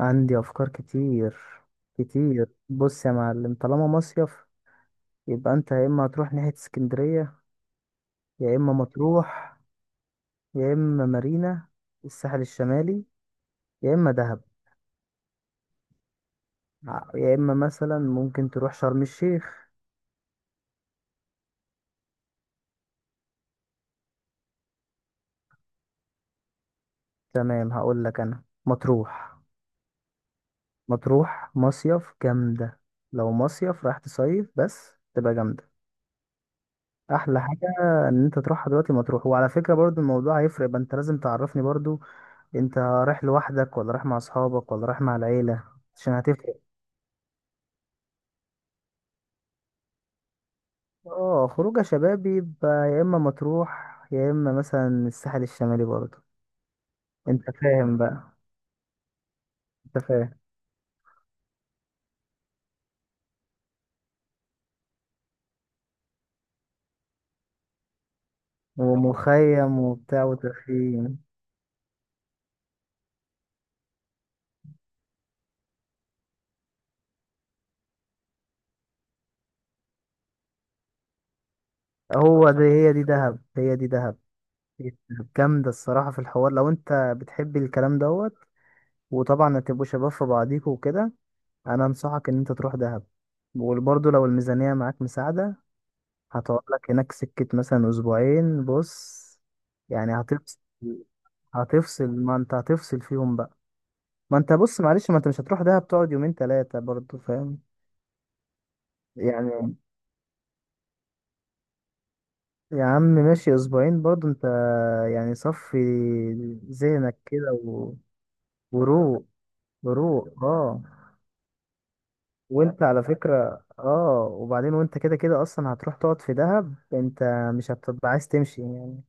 عندي افكار كتير كتير. بص يا معلم، طالما مصيف يبقى انت يا اما هتروح ناحية اسكندرية، يا اما مطروح، يا اما مارينا، الساحل الشمالي، يا اما دهب، يا اما مثلا ممكن تروح شرم الشيخ. تمام، هقول لك انا مطروح. مطروح مصيف جامدة. لو مصيف راح تصيف بس تبقى جامدة. احلى حاجة ان انت تروحها دلوقتي مطروح. وعلى فكرة برضو الموضوع هيفرق، يبقى انت لازم تعرفني برضو، انت رايح لوحدك ولا رايح مع اصحابك ولا رايح مع العيلة؟ عشان هتفرق. اه، خروجه شباب بيبقى يا اما مطروح يا اما مثلا الساحل الشمالي برضه. انت فاهم بقى؟ انت فاهم. ومخيم وبتاع وتخييم. هو ده، هي دي دهب، هي دي دهب. هي دي دهب. جامدة الصراحة في الحوار لو انت بتحب الكلام دوت. وطبعا هتبقوا شباب في بعضيكوا وكده. انا انصحك ان انت تروح دهب. وبرضه لو الميزانية معاك مساعدة هتقعد لك هناك سكة مثلا أسبوعين. بص يعني هتفصل، هتفصل. ما أنت هتفصل فيهم بقى. ما أنت بص معلش، ما أنت مش هتروح دهب تقعد يومين تلاتة برضو فاهم؟ يعني يا عم ماشي أسبوعين برضو أنت، يعني صفي ذهنك كده و. وروق، وروق اه. وانت على فكرة اه، وبعدين وانت كده كده اصلا هتروح تقعد في دهب انت، مش هتبقى عايز تمشي يعني،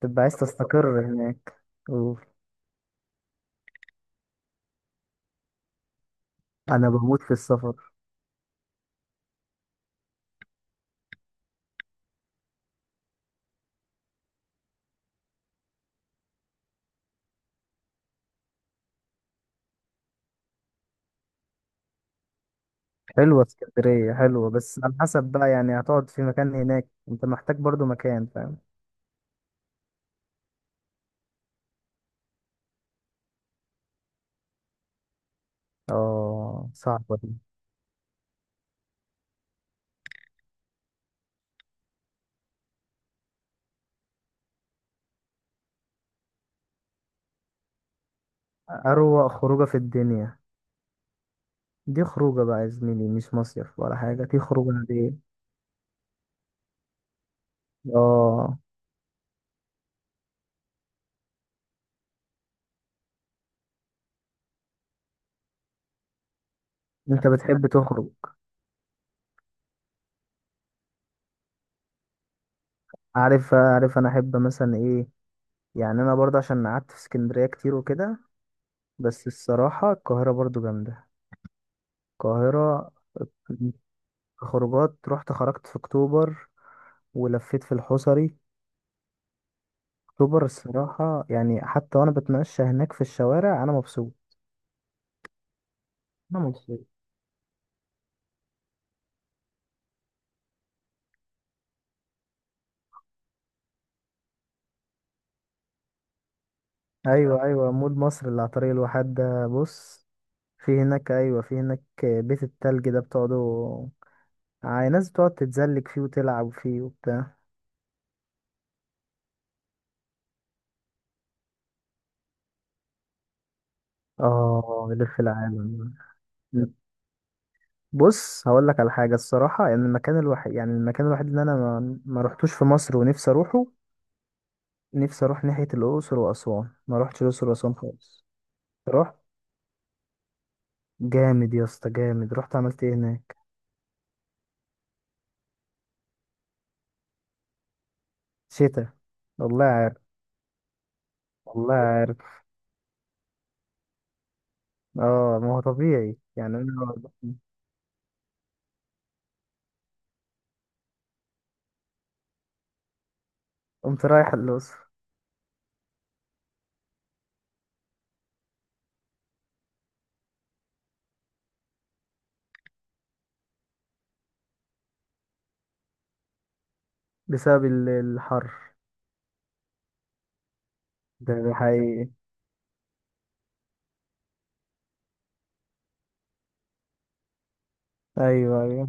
تبقى عايز تستقر هناك. أوف. انا بموت في السفر. حلوة اسكندرية، حلوة، بس على حسب بقى، يعني هتقعد في مكان هناك، انت محتاج برضو مكان فاهم. اه صعبة دي. أروق خروجة في الدنيا. دي خروجة بقى يا زميلي، مش مصيف ولا حاجة، دي خروجة عادية. اه. انت بتحب تخرج. عارف، عارف. انا احب مثلا ايه، يعني انا برضه عشان قعدت في اسكندرية كتير وكده. بس الصراحة القاهرة برضه جامدة، القاهرة. خروجات رحت خرجت في اكتوبر ولفيت في الحصري. اكتوبر الصراحة يعني حتى وانا بتمشى هناك في الشوارع انا مبسوط، انا مبسوط. ايوه ايوه، مول مصر اللي على طريق الواحات ده. بص، في هناك، ايوه في هناك بيت التلج ده، بتقعدوا ناس بتقعد تتزلج فيه وتلعب فيه وبتاع. اه يلف العالم. بص هقول لك على حاجة الصراحة، يعني المكان الوحيد، يعني المكان الوحيد اللي انا ما رحتوش في مصر ونفسي اروحه، نفسي اروح ناحية الاقصر واسوان. ما رحتش الاقصر واسوان خالص. رحت. جامد يا اسطى، جامد. رحت عملت ايه هناك؟ شتاء. والله عارف، والله عارف. اه، ما هو طبيعي يعني انا قمت رايح الأقصر بسبب الحر. ده حقيقي. ايوه ايوه.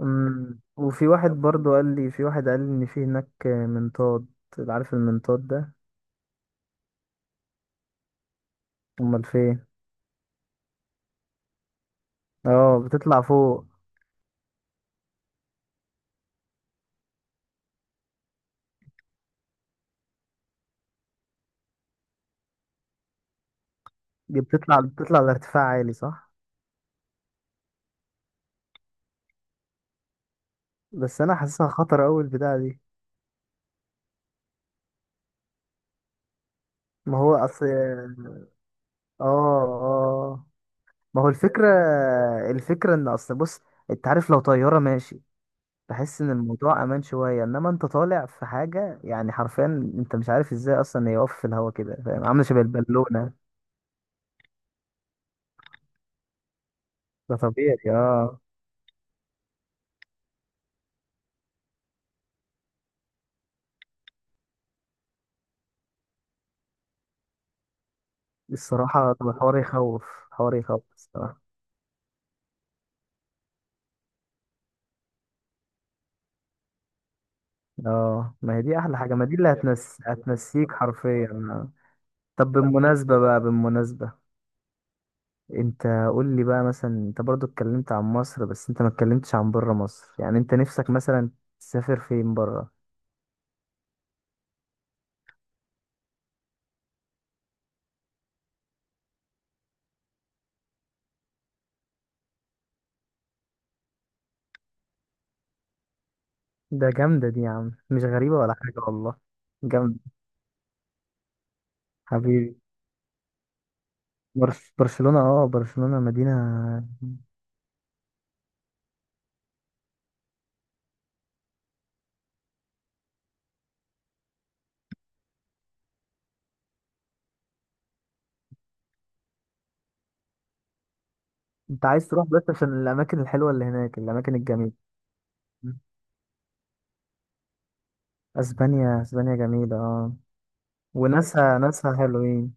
أمم. وفي واحد برضو قال لي، في واحد قال لي ان في هناك منطاد، عارف المنطاد ده؟ امال فين؟ اه بتطلع فوق. دي بتطلع، بتطلع لارتفاع عالي صح؟ بس انا حاسسها خطر اوي البتاعه دي. ما هو اصل. اه، اه. ما هو الفكرة، الفكرة ان اصل بص، انت عارف لو طيارة ماشي بحس ان الموضوع امان شوية، انما انت طالع في حاجة يعني حرفيا انت مش عارف ازاي اصلا يقف في الهوا كده فاهم، عاملة شبه البالونة. ده طبيعي اه. الصراحة طب الحوار يخوف، الحوار يخوف الصراحة. اه، ما هي دي احلى حاجة، ما دي اللي هتنسيك حرفيا آه. طب بالمناسبة بقى، بالمناسبة انت قول لي بقى مثلا، انت برضو اتكلمت عن مصر بس انت ما اتكلمتش عن بره مصر، يعني انت نفسك مثلا تسافر فين بره؟ ده جامدة دي يا عم، مش غريبة ولا حاجة والله. جامدة. حبيبي. برس برشلونة، اه برشلونة مدينة. انت عايز تروح بس عشان الأماكن الحلوة اللي هناك، الأماكن الجميلة. اسبانيا، اسبانيا جميلة اه. وناسها، ناسها حلوين.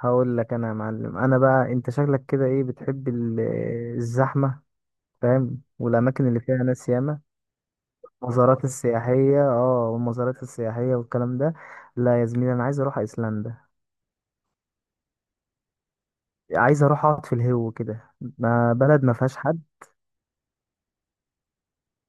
هقول لك انا يا معلم، انا بقى انت شكلك كده ايه، بتحب الزحمة فاهم، والاماكن اللي فيها ناس ياما، المزارات السياحية اه، والمزارات السياحية والكلام ده. لا يا زميلي انا عايز اروح ايسلندا. عايز اروح اقعد في الهو كده، ما بلد ما فيهاش حد.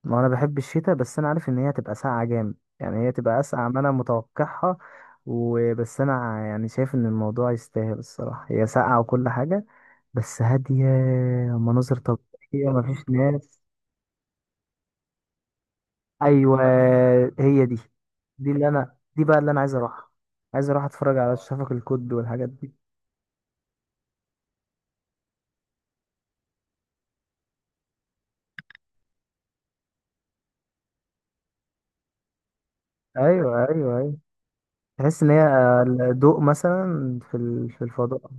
ما انا بحب الشتاء، بس انا عارف ان هي هتبقى ساقعه جامد، يعني هي تبقى اسقع ما انا متوقعها. وبس انا يعني شايف ان الموضوع يستاهل الصراحه، هي ساقعه وكل حاجه بس هاديه، مناظر طبيعيه، ما فيش ناس. ايوه، هي دي، دي اللي انا، دي بقى اللي انا عايز اروحها. عايز اروح اتفرج على الشفق القد والحاجات دي. ايوه ايوه ايوه. تحس ان هي ضوء مثلا في في الفضاء.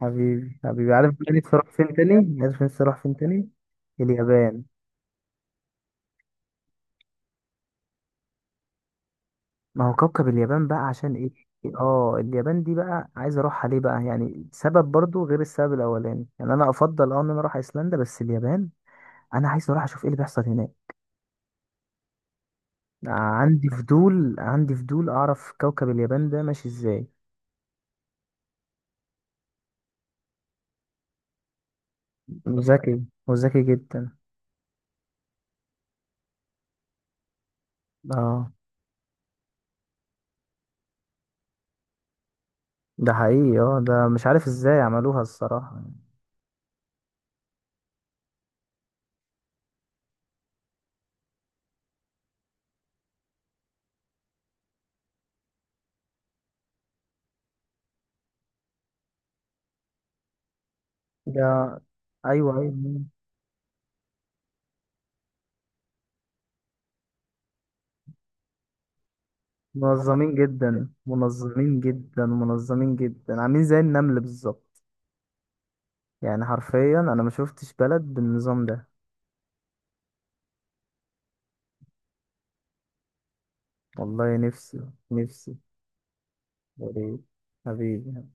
حبيبي حبيبي، عارف أنا نفسي أروح فين تاني؟ عارف نفسي أروح فين تاني؟ اليابان. ما هو كوكب اليابان بقى، عشان إيه؟ اه، اليابان دي بقى عايز أروحها ليه بقى؟ يعني سبب برضو غير السبب الأولاني، يعني أنا أفضل أه إن أنا أروح أيسلندا، بس اليابان أنا عايز أروح أشوف إيه اللي بيحصل هناك. عندي فضول، عندي فضول أعرف كوكب اليابان ده ماشي إزاي. وذكي، وذكي جدا. اه ده حقيقي. اه ده مش عارف إزاي عملوها الصراحة. ده أيوه أيوه. منظمين جدا، منظمين جدا، منظمين جدا، عاملين زي النمل بالظبط. يعني حرفيا انا ما شفتش بلد بالنظام ده. والله نفسي، نفسي. يا ريت حبيبي.